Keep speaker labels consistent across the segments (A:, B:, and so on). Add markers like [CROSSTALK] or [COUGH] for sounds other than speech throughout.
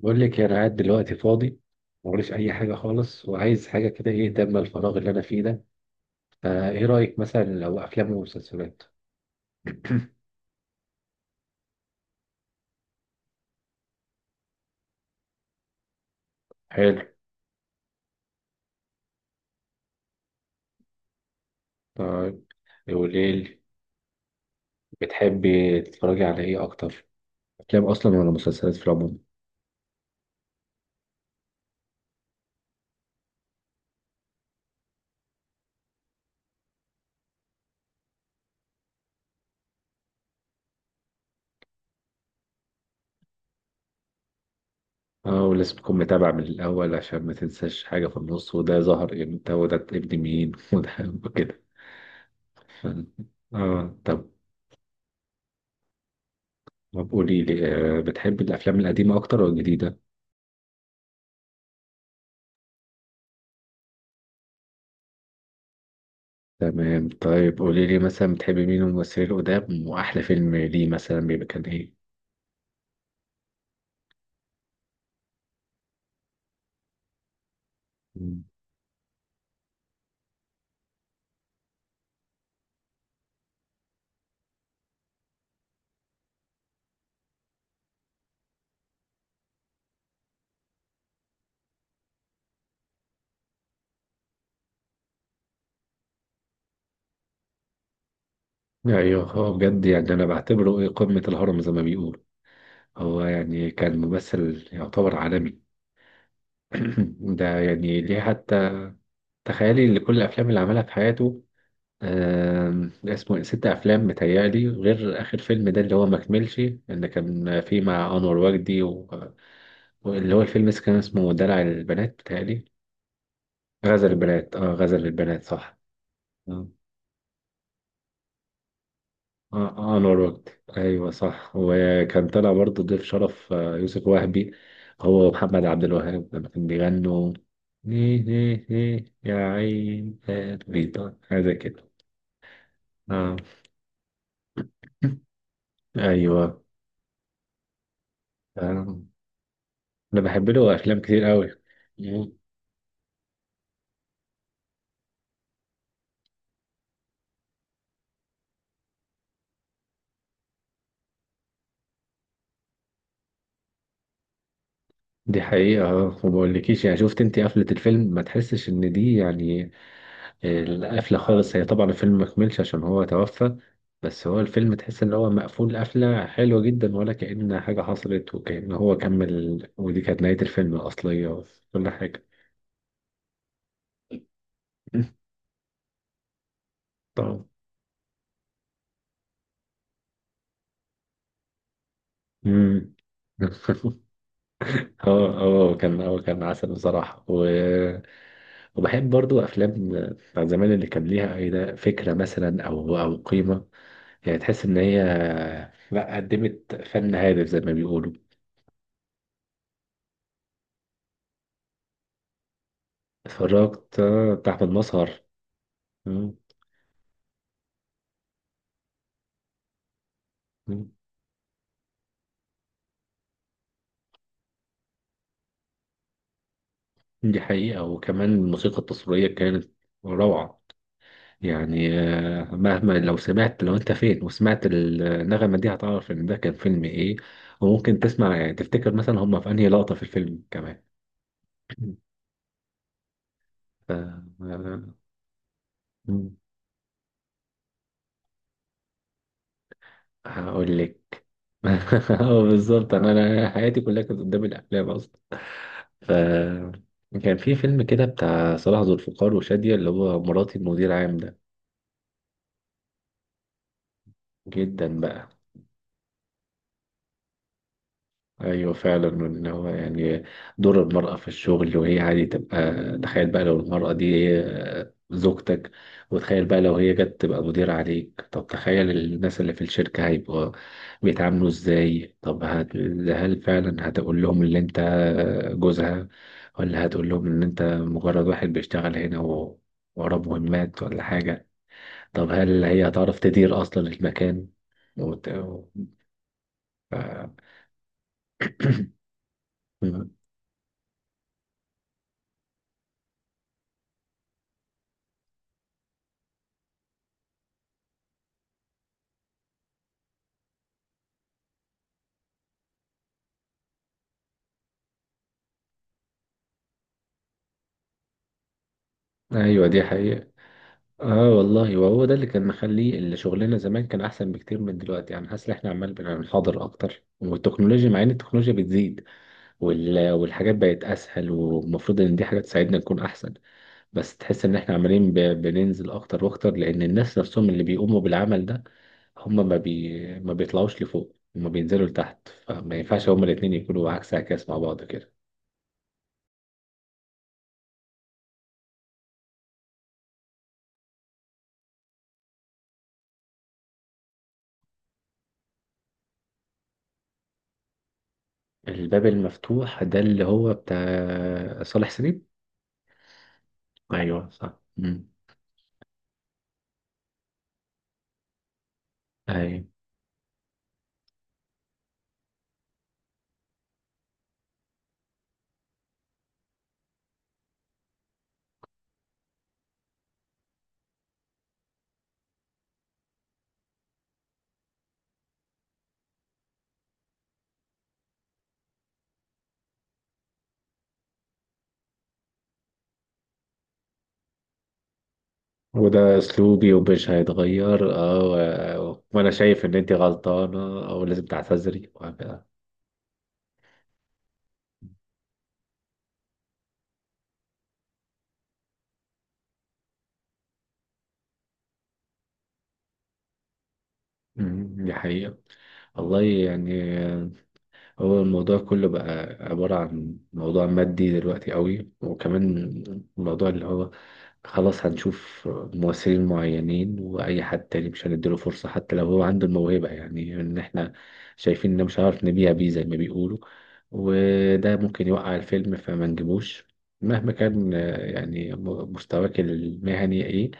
A: بقول لك انا قاعد دلوقتي فاضي، موريش اي حاجه خالص وعايز حاجه كده، ايه تملى الفراغ اللي انا فيه ده؟ فايه رايك مثلا لو افلام ومسلسلات؟ [CLEARS THROAT] حلو. طيب قولي لي، بتحبي تتفرجي على ايه اكتر، افلام اصلا ولا مسلسلات في العموم؟ اه، ولازم تكون متابع من الاول عشان ما تنساش حاجه في النص، وده ظهر امتى وده ابن مين [LAUGHS] وده وكده. ف- اه، طب قولي لي، بتحبي الافلام القديمه اكتر ولا الجديده؟ تمام. طيب قولي لي مثلا بتحبي مين من الممثلين القدام، واحلى فيلم ليه مثلا بيبقى كان ايه؟ مم. ايوه، هو بجد يعني انا بعتبره ايه، قمة الهرم زي ما بيقول. هو يعني كان ممثل يعتبر عالمي. [CLEARS THROAT] ده يعني ليه حتى. تخيلي ان كل الافلام اللي عملها في حياته، اسمه إيه؟ ست افلام متهيألي، غير اخر فيلم ده اللي هو ما كملش، اللي كان فيه مع انور وجدي واللي هو الفيلم كان اسمه دلع البنات متهيألي. غزل البنات، اه، غزل البنات صح. انور وجدي. ايوه صح، وكان طلع برضه ضيف شرف يوسف وهبي، هو ومحمد عبد الوهاب لما كان بيغنوا ليه ليه ليه يا عين قلبي. هذا كده. آه. [LAUGHS] ايوه. آه. انا بحب له افلام كتير قوي. دي حقيقة. اه، وما اقولكيش يعني، شفت انت قفلة الفيلم، ما تحسش ان دي يعني القفلة خالص. هي طبعا الفيلم مكملش عشان هو توفى، بس هو الفيلم تحس ان هو مقفول قفلة حلوة جدا، ولا كأن حاجة حصلت وكأن هو كمل، ودي كانت نهاية الفيلم الأصلية وكل حاجة. [LAUGHS] طبعا. مم. [LAUGHS] اه. اه، كان عسل بصراحة وبحب برضو أفلام بتاع زمان اللي كان ليها أي فكرة مثلا، أو أو قيمة، يعني تحس إن هي لا قدمت فن هادف زي ما بيقولوا. اتفرجت، بتاع أحمد مظهر. مم. مم. دي حقيقة، وكمان الموسيقى التصويرية كانت روعة. يعني مهما، لو انت فين وسمعت النغمة دي هتعرف ان ده كان فيلم ايه. وممكن تسمع يعني تفتكر مثلا هما في انهي لقطة في الفيلم كمان. ف... آه، مم. هقول لك. [LAUGHS] اه، بالظبط، انا حياتي كلها كانت قدام الافلام اصلا. ف كان في فيلم كده بتاع صلاح ذو الفقار وشادية، اللي هو مراتي المدير عام ده. جدا بقى. ايوه فعلا، ان هو يعني دور المرأة في الشغل وهي عادي تبقى. تخيل بقى لو المرأة دي هي زوجتك، وتخيل بقى لو هي جت تبقى مدير عليك. طب تخيل الناس اللي في الشركة هيبقوا بيتعاملوا ازاي؟ طب هل فعلا هتقول لهم اللي انت جوزها؟ ولا هتقول لهم ان انت مجرد واحد بيشتغل هنا وراه مهمات ولا حاجة؟ طب هل هي هتعرف تدير اصلا المكان وت- ف- [COUGHS] [CLEARS THROAT] ايوه دي حقيقة. اه والله، وهو ده اللي كان مخليه اللي شغلنا زمان كان احسن بكتير من دلوقتي. يعني حاسس ان احنا عمال بنحاضر اكتر، والتكنولوجيا مع ان التكنولوجيا بتزيد والحاجات بقت اسهل، والمفروض ان دي حاجه تساعدنا نكون احسن. بس تحس ان احنا عمالين بننزل اكتر واكتر، لان الناس نفسهم اللي بيقوموا بالعمل ده هم ما بيطلعوش لفوق، هم بينزلوا لتحت، فما ينفعش هما الاتنين يكونوا عكس عكاس مع بعض كده. الباب المفتوح ده اللي هو بتاع صالح سليم. ايوه صح. مم. ايوه، وده اسلوبي ومش هيتغير، اه. وانا شايف ان انت غلطانه او لازم تعتذري وهكذا. دي حقيقه والله يعني. هو الموضوع كله بقى عبارة عن موضوع مادي دلوقتي قوي، وكمان الموضوع اللي هو خلاص هنشوف ممثلين معينين، وأي حد تاني مش هنديله فرصة حتى لو هو عنده الموهبة، يعني إن إحنا شايفين إن مش هنعرف نبيع بيه زي ما بيقولوا، وده ممكن يوقع الفيلم فما نجيبوش. مهما كان يعني مستواك المهني إيه،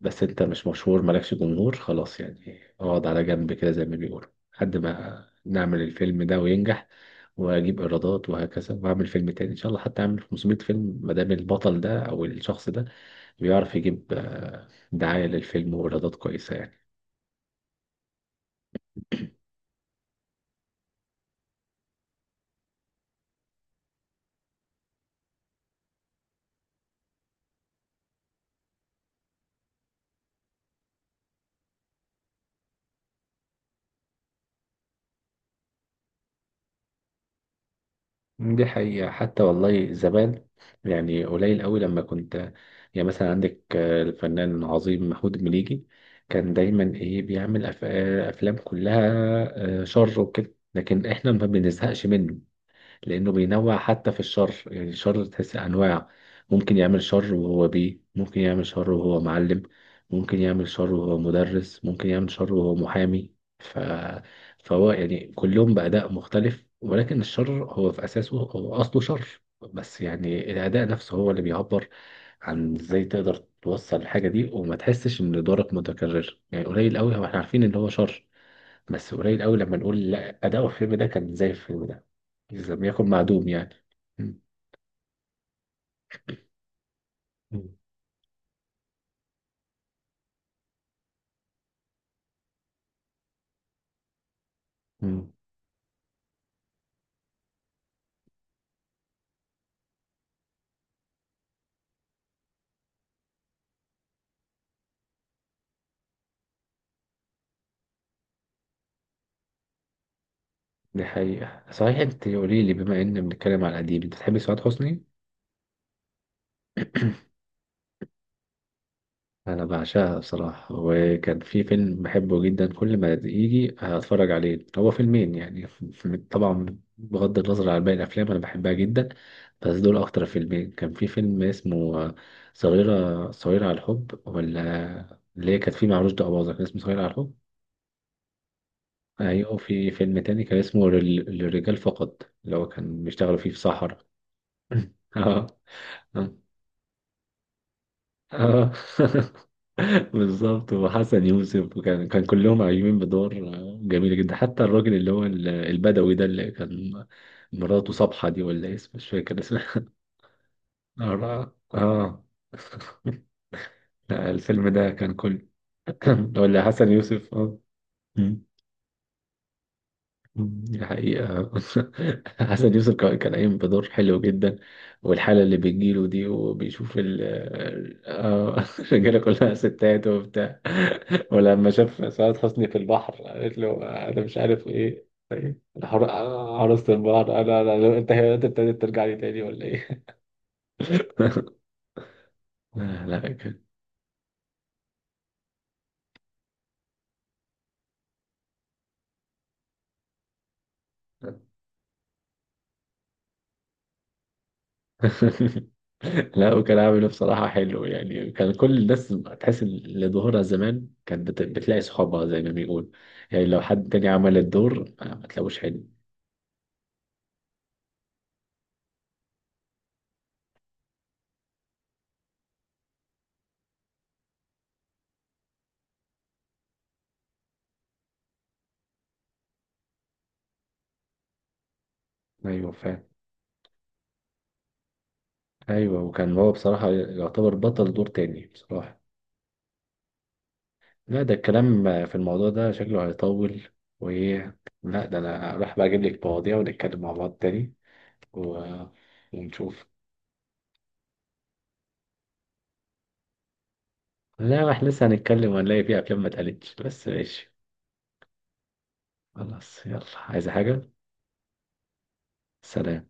A: بس أنت مش مشهور مالكش جمهور، خلاص يعني اقعد على جنب كده زي ما بيقولوا، لحد ما نعمل الفيلم ده وينجح واجيب ايرادات وهكذا، واعمل فيلم تاني ان شاء الله، حتى اعمل 500 فيلم، ما دام البطل ده او الشخص ده بيعرف يجيب دعاية للفيلم وايرادات كويسة يعني. دي حقيقة. حتى والله زمان يعني قليل قوي لما كنت، يعني مثلا عندك الفنان العظيم محمود المليجي كان دايما ايه بيعمل افلام كلها شر وكده، لكن احنا ما بنزهقش منه، لأنه بينوع حتى في الشر، يعني الشر تحس أنواع. ممكن يعمل شر وهو بيه، ممكن يعمل شر وهو معلم، ممكن يعمل شر وهو مدرس، ممكن يعمل شر وهو محامي، ف... فهو يعني كلهم بأداء مختلف، ولكن الشر هو في أساسه هو أصله شر. بس يعني الأداء نفسه هو اللي بيعبر عن ازاي تقدر توصل الحاجة دي، وما تحسش ان دورك متكرر. يعني قليل قوي هو احنا عارفين ان هو شر، بس قليل قوي لما نقول لا أداؤه في الفيلم ده كان زي الفيلم ده، إذا لم يكن معدوم يعني. مم. مم. مم. دي حقيقة صحيح. أنت قولي لي، بما إن بنتكلم على القديم، أنت بتحبي سعاد حسني؟ أنا بعشقها بصراحة، وكان في فيلم بحبه جدا، كل ما يجي هتفرج عليه هو فيلمين يعني [LAUGHS] طبعا بغض النظر عن باقي الأفلام، أنا بحبها جدا، بس دول أكتر فيلمين. كان في فيلم اسمه صغيرة على الحب، ولا اللي هي كانت فيه مع رشدي أباظة كان اسمه صغيرة على الحب. ايوه. في فيلم تاني كان اسمه للرجال فقط، اللي هو كان بيشتغلوا فيه في صحراء. [LAUGHS] اه. اه. آه. [LAUGHS] بالظبط، وحسن يوسف، وكان كلهم عايشين بدور جميلة جدا، حتى الراجل اللي هو البدوي ده، اللي كان مراته صبحة دي ولا إيه اسمه، مش فاكر اسمها. [LAUGHS] اه. اه. لا، الفيلم ده كان كل [CLEARS THROAT] [COUGHS] ولا حسن يوسف، اه. دي حقيقة. [LAUGHS] حسن يوسف كان قايم بدور حلو جدا، والحالة اللي بتجيله دي وبيشوف ال آه، [LAUGHS] الرجالة كلها ستات وبتاع. [LAUGHS] ولما شاف سعاد حسني في البحر قالت له أنا مش عارف إيه، إيه؟ عروسة البحر. أنا أنت ابتديت ترجع لي تاني ولا إيه؟ [LAUGHS] لا، لا. لا، وكان عامل ايه بصراحة حلو يعني، كان كل الناس تحس إن اللي ظهورها زمان كانت بتلاقي صحابها زي ما بيقول. يعني لو حد تاني عمل الدور ما تلاقوش حلو. أيوه فاهم. أيوه، وكان هو بصراحة يعتبر بطل دور تاني بصراحة. لا ده الكلام في الموضوع ده شكله هيطول. وإيه، لا، ده أنا راح بقى أجيب لك مواضيع ونتكلم مع بعض تاني و... ونشوف. لا ما احنا لسه هنتكلم وهنلاقي فيه أفلام ما اتقالتش، بس ماشي. خلاص، يلا، عايزة حاجة؟ سلام.